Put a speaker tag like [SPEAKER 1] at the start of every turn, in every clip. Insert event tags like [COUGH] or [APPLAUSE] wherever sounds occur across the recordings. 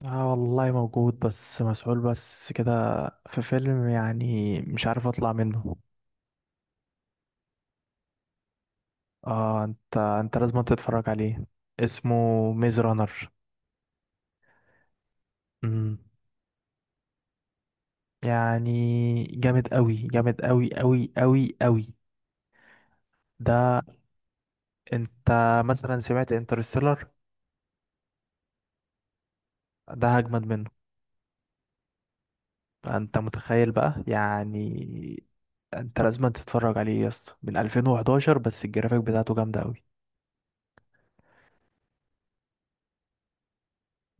[SPEAKER 1] اه والله موجود، بس مسؤول بس كده. في فيلم يعني مش عارف اطلع منه. اه، انت لازم تتفرج عليه. اسمه ميز رانر. امم. يعني جامد قوي، جامد قوي قوي قوي قوي. ده انت مثلا سمعت انترستيلر؟ ده هجمد منه. انت متخيل بقى يعني. انت لازم تتفرج عليه يا اسطى، من 2011، بس الجرافيك بتاعته جامده قوي.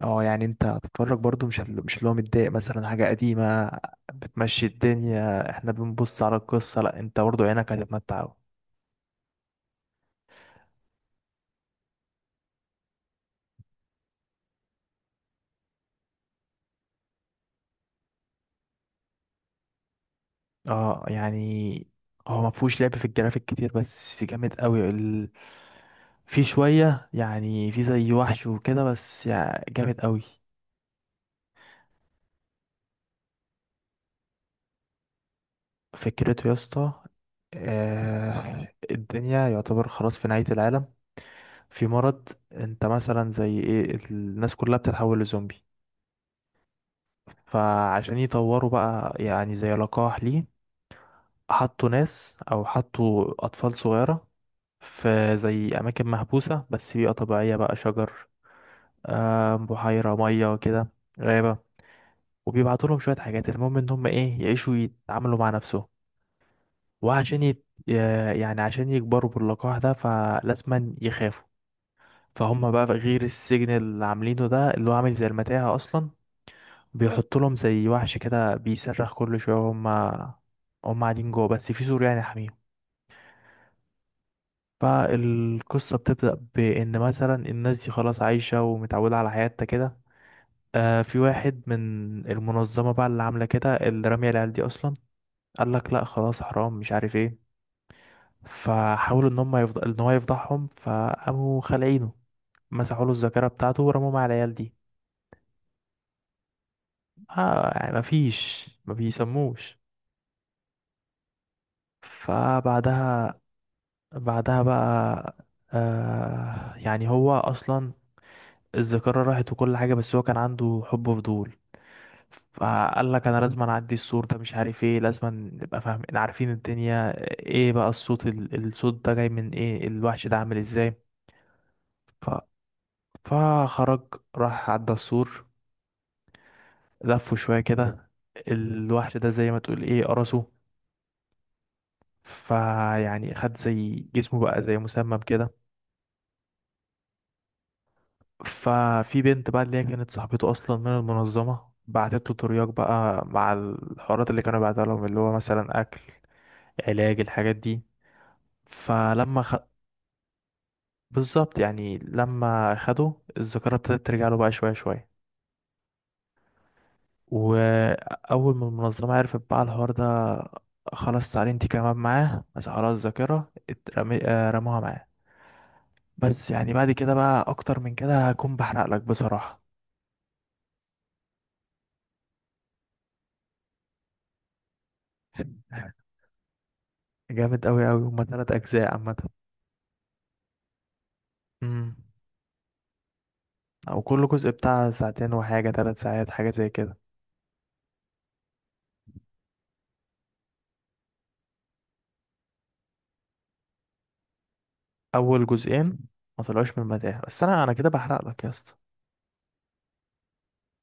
[SPEAKER 1] اه يعني انت هتتفرج برضو، مش اللي هو متضايق مثلا حاجة قديمة بتمشي الدنيا. احنا بنبص على القصة، لا انت برضو عينك هتتمتع أوي. اه يعني هو ما فيهوش لعب في الجرافيك كتير بس جامد قوي في شوية، يعني في زي وحش وكده، بس يعني جامد قوي. فكرته يا اسطى، آه الدنيا يعتبر خلاص في نهاية العالم. في مرض، انت مثلا زي ايه، الناس كلها بتتحول لزومبي. فعشان يطوروا بقى يعني زي لقاح ليه، حطوا ناس او حطوا اطفال صغيرة في زي اماكن محبوسة، بس بيئة طبيعية بقى، شجر، آه، بحيرة مية وكده، غابة. وبيبعتوا لهم شوية حاجات، المهم ان هم ايه يعيشوا يتعاملوا مع نفسهم. وعشان يعني عشان يكبروا باللقاح ده فلازما يخافوا. فهم بقى، غير السجن اللي عاملينه ده اللي هو عامل زي المتاهة اصلا، بيحط لهم زي وحش كده بيصرخ كل شوية. هما هما قاعدين جوه بس في سور يعني حميهم. فالقصة بتبدأ بإن مثلا الناس دي خلاص عايشة ومتعودة على حياتها كده. آه في واحد من المنظمة بقى اللي عاملة كده اللي رامية العيال دي أصلا، قال لك لأ خلاص حرام مش عارف ايه. فحاولوا إن هو يفضحهم، فقاموا خالعينه، مسحوا له الذاكرة بتاعته ورموه مع العيال دي. آه يعني مفيش ما بيسموش. فبعدها، بعدها بقى، آه يعني هو اصلا الذاكره راحت وكل حاجه، بس هو كان عنده حب فضول. فقال لك انا لازم اعدي السور ده، مش عارف ايه، لازم نبقى فاهمين عارفين الدنيا ايه بقى، الصوت ده جاي من ايه، الوحش ده عامل ازاي. ف... فخرج راح عدى السور، لفه شويه كده، الوحش ده زي ما تقول ايه قرصه. فيعني خد زي جسمه بقى، زي مسمم كده. ففي بنت بقى اللي هي كانت صاحبته اصلا من المنظمه، بعتت له ترياق بقى مع الحوارات اللي كانوا بيعتها لهم، اللي هو مثلا اكل، علاج، الحاجات دي. فلما خ... بالظبط، يعني لما خده، الذاكره ابتدت ترجع له بقى شويه شويه. واول ما المنظمه عرفت بقى الحوار ده، خلاص تعالي انت كمان معاه، بس خلاص، آه، رموها معاه. بس يعني بعد كده بقى اكتر من كده هكون بحرق لك بصراحه. [LAUGHS] جامد قوي قوي. هما تلات اجزاء عامه. مم. او كل جزء بتاع ساعتين وحاجه، ثلاث ساعات حاجه زي كده. اول جزئين ما طلعوش من المتاهه، بس انا كده بحرق لك يا اسطى.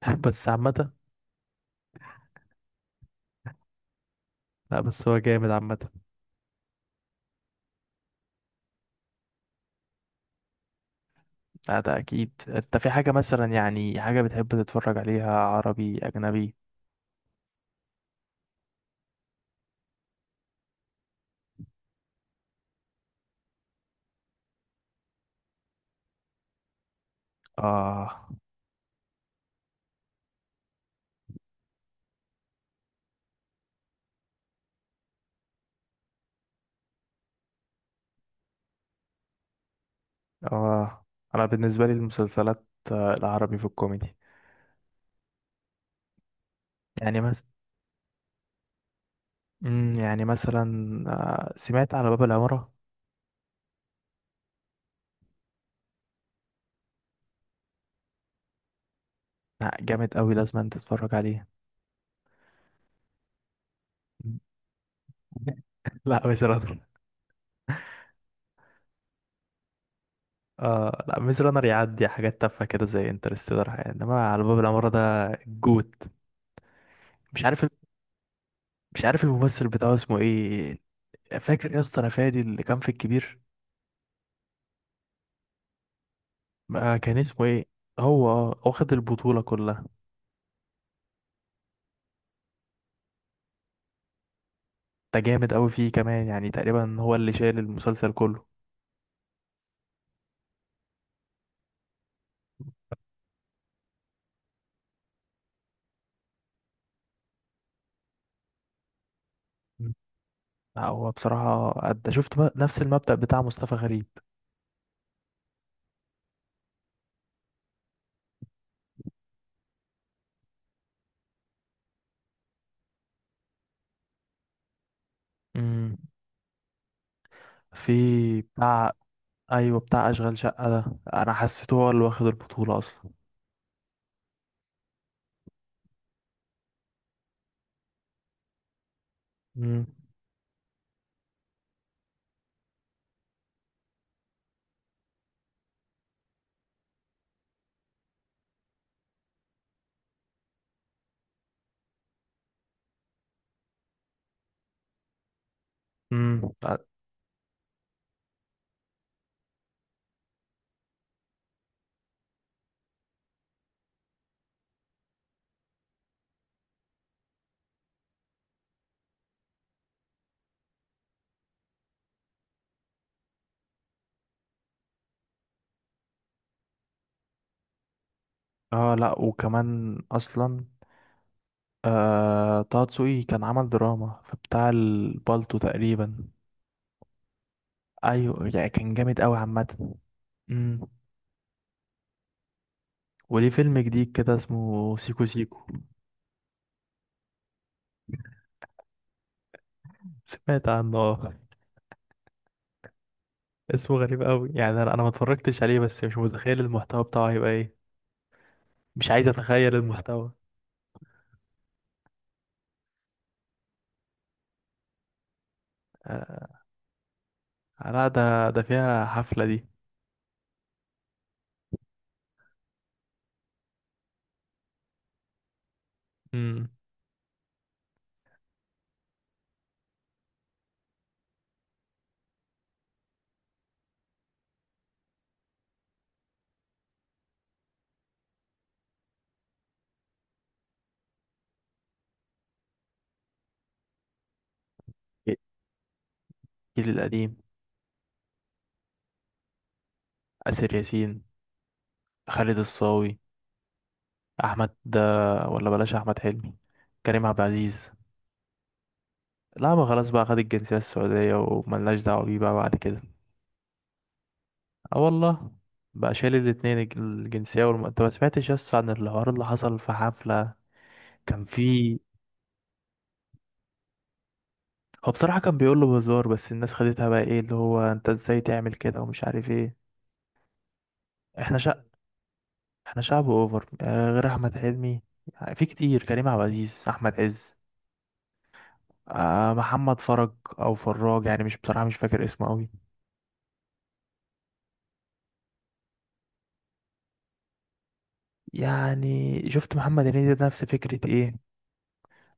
[SPEAKER 1] [LAUGHS] بس عامه، لا بس هو جامد عامه. لا ده اكيد انت في حاجه مثلا يعني حاجه بتحب تتفرج عليها، عربي، اجنبي. اه. اه، انا بالنسبه لي المسلسلات، آه، العربي في الكوميدي. يعني مثلا، يعني مثلا، آه، سمعت على باب العماره؟ لا جامد قوي، لازم انت تتفرج عليه. [LAUGHS] لا بصراحة. اه لا، ميز رانر يعدي حاجات تافهه كده زي انترستيلر يعني، انما على باب العماره ده الجوت. مش عارف مش عارف الممثل بتاعه اسمه ايه. فاكر يا اسطى انا، فادي اللي كان في الكبير، ما كان اسمه ايه. هو؟ اه، واخد البطوله كلها. ده جامد قوي فيه كمان، يعني تقريبا هو اللي شايل المسلسل كله. مم. لا، هو بصراحه أدى، شفت بقى نفس المبدأ بتاع مصطفى غريب. امم. في بتاع، ايوه بتاع اشغال شقه ده، انا حسيته هو اللي واخد البطوله اصلا. امم. امم. اه لا، وكمان اصلا آه طه دسوقي كان عمل دراما فبتاع البالتو تقريبا. ايوه يعني كان جامد قوي عامه. امم. وليه فيلم جديد كده اسمه سيكو سيكو. سمعت عنه، آه. اسمه غريب قوي يعني، أنا ما اتفرجتش عليه، بس مش متخيل المحتوى بتاعه هيبقى ايه. مش عايز اتخيل المحتوى. آه لا، ده فيها حفله دي. امم. الجيل القديم، آسر ياسين، خالد الصاوي، احمد ده، ولا بلاش، احمد حلمي، كريم عبد العزيز. لا ما خلاص بقى، خد الجنسية السعودية وملناش دعوة بيه بقى بعد كده. اه والله. بقى شايل الاتنين، الجنسية انت ما سمعتش يس عن الحوار اللي حصل في حفلة؟ كان في، هو بصراحة كان بيقول له بهزار بس الناس خدتها بقى ايه، اللي هو انت ازاي تعمل كده ومش عارف ايه. احنا شعب، احنا شعب اوفر. آه، غير احمد حلمي في كتير، كريم عبد العزيز، احمد عز، آه محمد فرج او فراج يعني، مش بصراحة مش فاكر اسمه قوي. يعني شفت محمد هنيدي ده نفس فكرة ايه،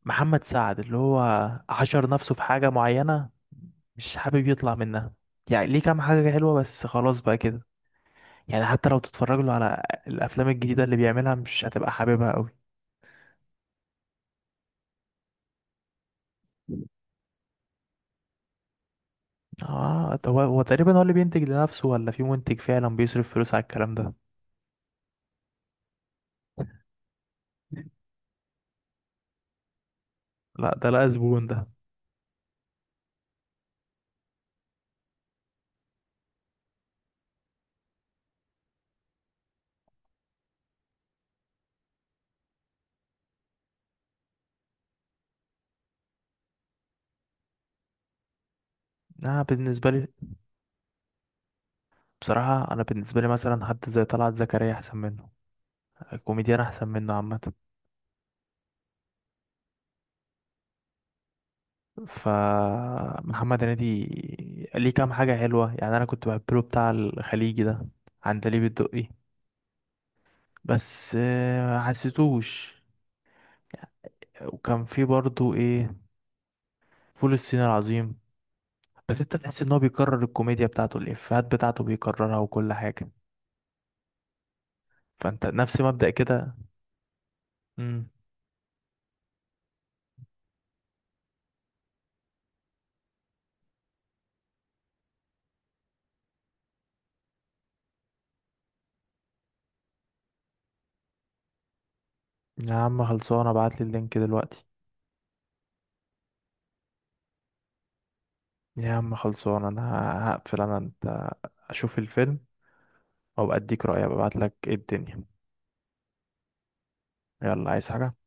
[SPEAKER 1] محمد سعد، اللي هو حشر نفسه في حاجة معينة مش حابب يطلع منها. يعني ليه كام حاجة حلوة بس خلاص بقى كده. يعني حتى لو تتفرج له على الأفلام الجديدة اللي بيعملها مش هتبقى حاببها قوي. اه ده هو تقريبا هو اللي بينتج لنفسه، ولا في منتج فعلا بيصرف فلوس على الكلام ده. لا ده لا زبون ده. انا بالنسبة لي، بصراحة انا بالنسبة لي مثلا حد زي طلعت زكريا احسن منه، كوميديان احسن منه عامة. فمحمد هنيدي ليه كام حاجة حلوة، يعني أنا كنت بحب له بتاع الخليجي ده، عندليب الدقي، بس آه، حسيتوش. وكان في برضو إيه، فول الصين العظيم. بس أنت تحس إن هو بيكرر الكوميديا بتاعته، الإفيهات بتاعته بيكررها وكل حاجة. فأنت نفس مبدأ كده. مم. يا عم خلصانة ابعتلي اللينك دلوقتي. يا عم خلصانة أنا هقفل، أنا أنت، أشوف الفيلم أو أديك رأيي أبقى أبعتلك إيه الدنيا. يلا عايز حاجة؟